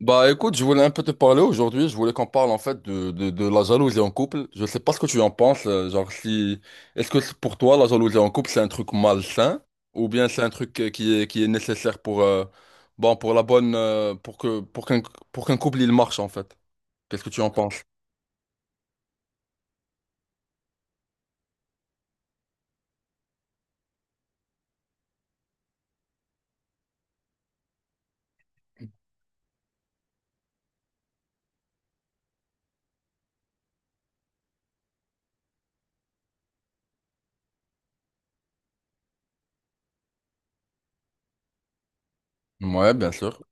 Bah écoute, je voulais un peu te parler aujourd'hui. Je voulais qu'on parle en fait de la jalousie en couple. Je sais pas ce que tu en penses, genre si est-ce que c'est pour toi la jalousie en couple, c'est un truc malsain, ou bien c'est un truc qui est nécessaire pour bon, pour la bonne pour que pour qu'un couple il marche en fait. Qu'est-ce que tu en penses? Ouais, bien sûr.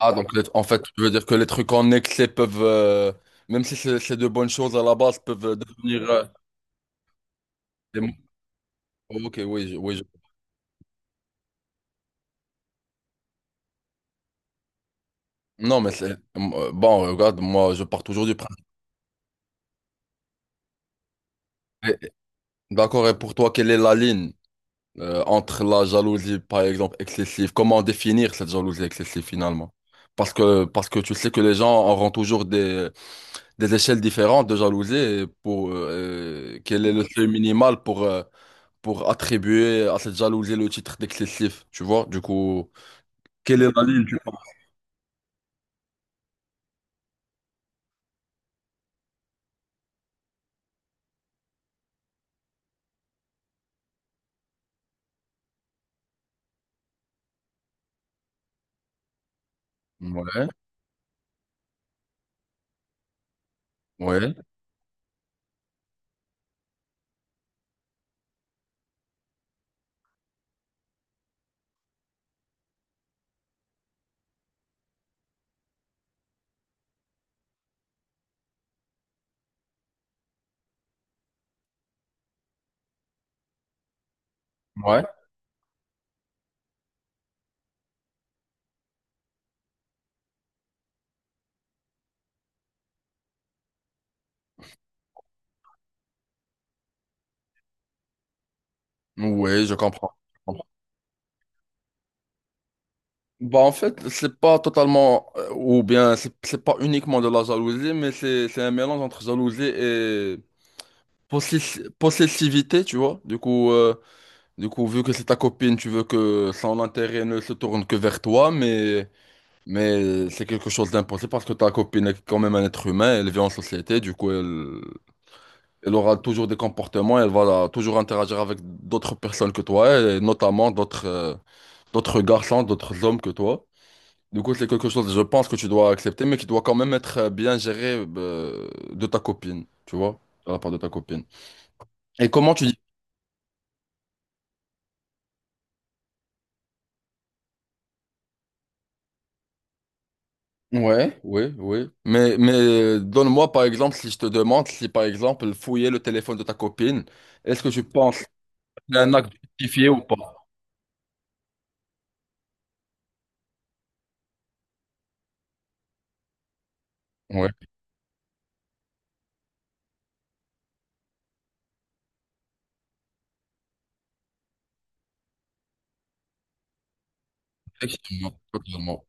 Ah donc en fait, tu veux dire que les trucs en excès peuvent même si c'est c'est de bonnes choses à la base, peuvent devenir des... Ok, oui, oui. Non, mais c'est... Bon, regarde, moi, je pars toujours du principe. Et- D'accord, et pour toi, quelle est la ligne entre la jalousie, par exemple, excessive? Comment définir cette jalousie excessive, finalement? Parce que tu sais que les gens auront toujours des échelles différentes de jalousie. Et pour, quel est le seuil minimal pour attribuer à cette jalousie le titre d'excessif? Tu vois? Du coup, quelle est la ligne, tu penses? Ouais, ouais, ouais. Ouais, je comprends. Bah en fait, c'est pas totalement, ou bien c'est pas uniquement de la jalousie, mais c'est un mélange entre jalousie et possessivité, tu vois. Du coup, vu que c'est ta copine, tu veux que son intérêt ne se tourne que vers toi, mais c'est quelque chose d'impossible, parce que ta copine est quand même un être humain, elle vit en société. Du coup, elle aura toujours des comportements, elle va toujours interagir avec d'autres personnes que toi, et notamment d'autres d'autres garçons, d'autres hommes que toi. Du coup, c'est quelque chose, je pense, que tu dois accepter, mais qui doit quand même être bien géré de ta copine, tu vois, de la part de ta copine. Et comment tu dis? Ouais, oui, oui. Mais donne-moi, par exemple, si je te demande si, par exemple, fouiller le téléphone de ta copine, est-ce que tu penses que c'est un acte justifié ou pas? Oui, effectivement, totalement.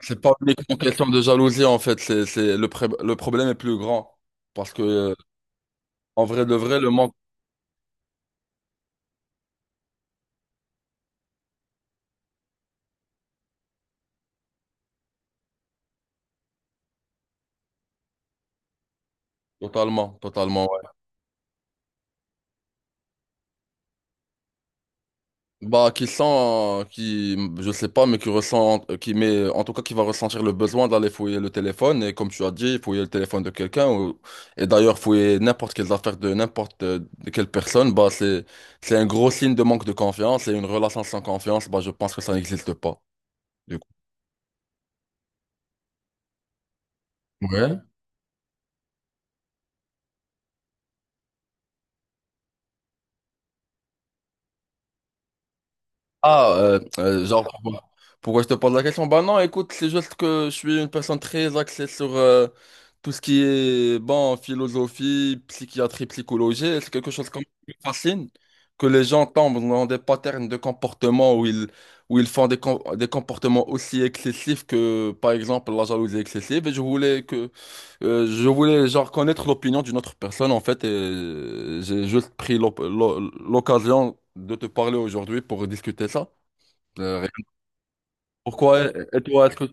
C'est pas uniquement question de jalousie, en fait, c'est, le, le problème est plus grand. Parce que, en vrai de vrai, le manque, totalement, totalement. Bah, qui sent, qui, je sais pas, mais qui ressent, qui met, en tout cas, qui va ressentir le besoin d'aller fouiller le téléphone. Et comme tu as dit, fouiller le téléphone de quelqu'un, et d'ailleurs, fouiller n'importe quelles affaires de n'importe de quelle personne, bah, c'est un gros signe de manque de confiance. Et une relation sans confiance, bah, je pense que ça n'existe pas. Du coup. Ouais. Genre, pourquoi, pourquoi je te pose la question? Bah non, écoute, c'est juste que je suis une personne très axée sur tout ce qui est, bon, philosophie, psychiatrie, psychologie. C'est quelque chose qui me fascine, que les gens tombent dans des patterns de comportement où ils font des comportements aussi excessifs que, par exemple, la jalousie excessive. Et je voulais que, je voulais, genre, connaître l'opinion d'une autre personne, en fait, et j'ai juste pris l'occasion de te parler aujourd'hui pour discuter ça. Rien. Pourquoi? Et toi, est-ce que,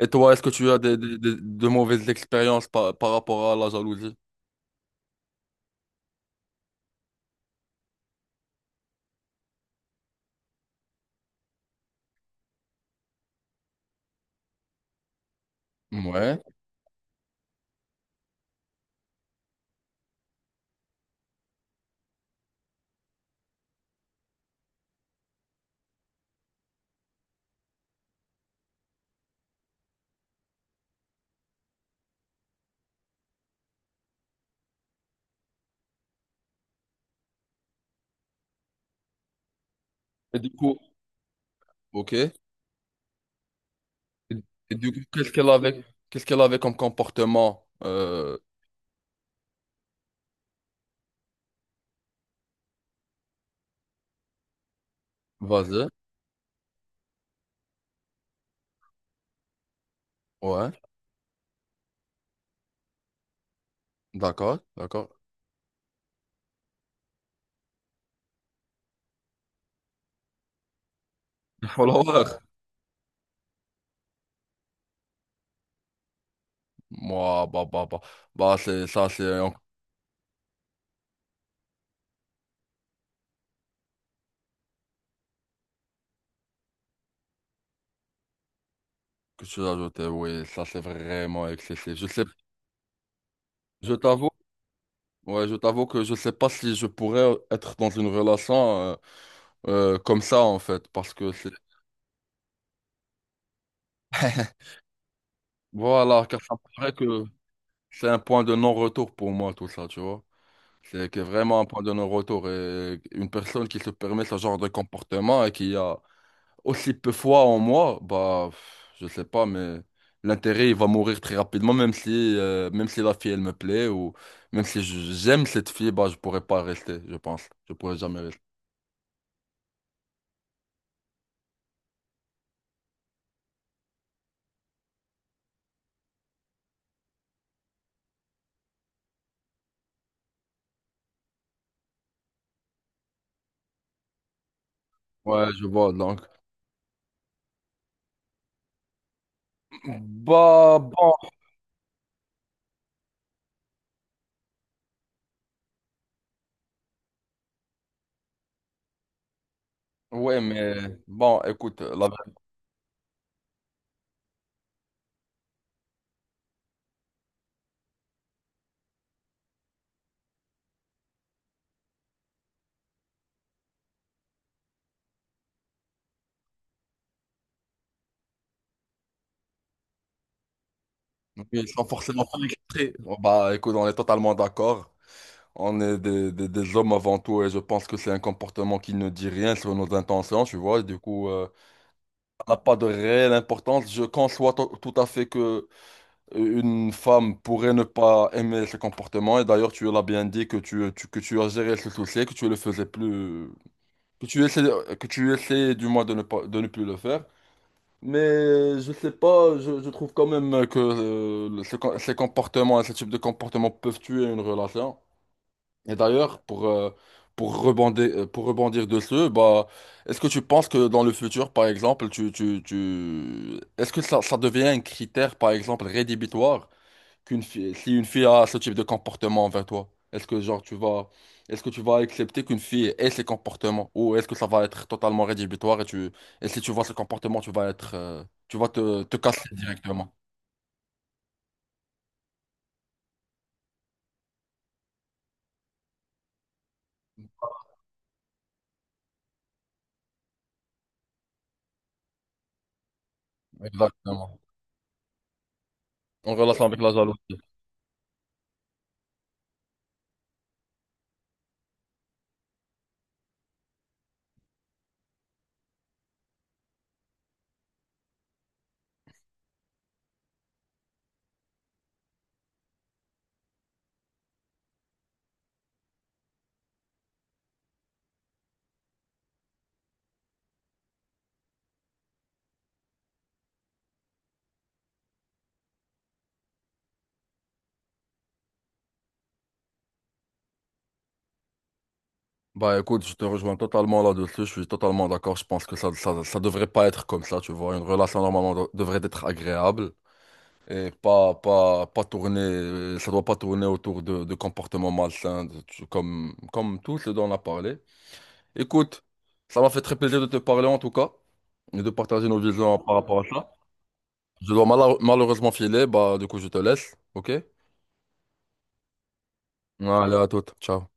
et toi, est-ce que tu as de mauvaises expériences par, par rapport à la jalousie? Ouais. Et du coup, ok. Et du coup, qu'est-ce qu'elle avait comme comportement? Vas-y. Ouais. D'accord, d'accord. Les followers. Moi, bah, bah, bah. Bah, c'est, ça, c'est un que tu as ajouté. Oui, ça, c'est vraiment excessif. Je sais, je t'avoue. Ouais, je t'avoue que je sais pas si je pourrais être dans une relation comme ça, en fait, parce que c'est... Voilà, car ça me paraît que c'est un point de non-retour pour moi, tout ça, tu vois. C'est que vraiment un point de non-retour. Et une personne qui se permet ce genre de comportement et qui a aussi peu foi en moi, bah, pff, je sais pas, mais l'intérêt, il va mourir très rapidement, même si la fille, elle me plaît, ou même si j'aime cette fille, bah, je pourrais pas rester, je pense. Je pourrais jamais rester. Ouais, je vois, donc. Bah, bon. Ouais, mais bon, écoute, la... Oui, sans forcément faire exprès. Oh, bah, écoute, on est totalement d'accord. On est des hommes avant tout, et je pense que c'est un comportement qui ne dit rien sur nos intentions, tu vois. Du coup, ça n'a pas de réelle importance. Je conçois tout à fait que une femme pourrait ne pas aimer ce comportement. Et d'ailleurs, tu l'as bien dit que tu, que tu as géré ce souci, que tu le faisais plus, que tu essaies, que tu essaies du moins de ne pas, de ne plus le faire. Mais je sais pas, je trouve quand même que ces comportements, ce type de comportements peuvent tuer une relation. Et d'ailleurs, pour, pour rebondir dessus, bah, est-ce que tu penses que dans le futur, par exemple, est-ce que ça devient un critère, par exemple, rédhibitoire? Qu'une fille, si une fille a ce type de comportement envers toi, est-ce que genre tu vas, est-ce que tu vas accepter qu'une fille ait ces comportements, ou est-ce que ça va être totalement rédhibitoire et tu, et si tu vois ce comportement, tu vas être, tu vas te casser directement. Exactement. En relation avec la jalousie. Bah écoute, je te rejoins totalement là-dessus, je suis totalement d'accord. Je pense que ça devrait pas être comme ça, tu vois. Une relation normalement devrait être agréable. Et pas tourner, ça doit pas tourner autour de comportements malsains, comme, comme tout ce dont on a parlé. Écoute, ça m'a fait très plaisir de te parler en tout cas, et de partager nos visions. Je dois malheureusement filer, bah du coup je te laisse, ok? Allez, à toute, ciao.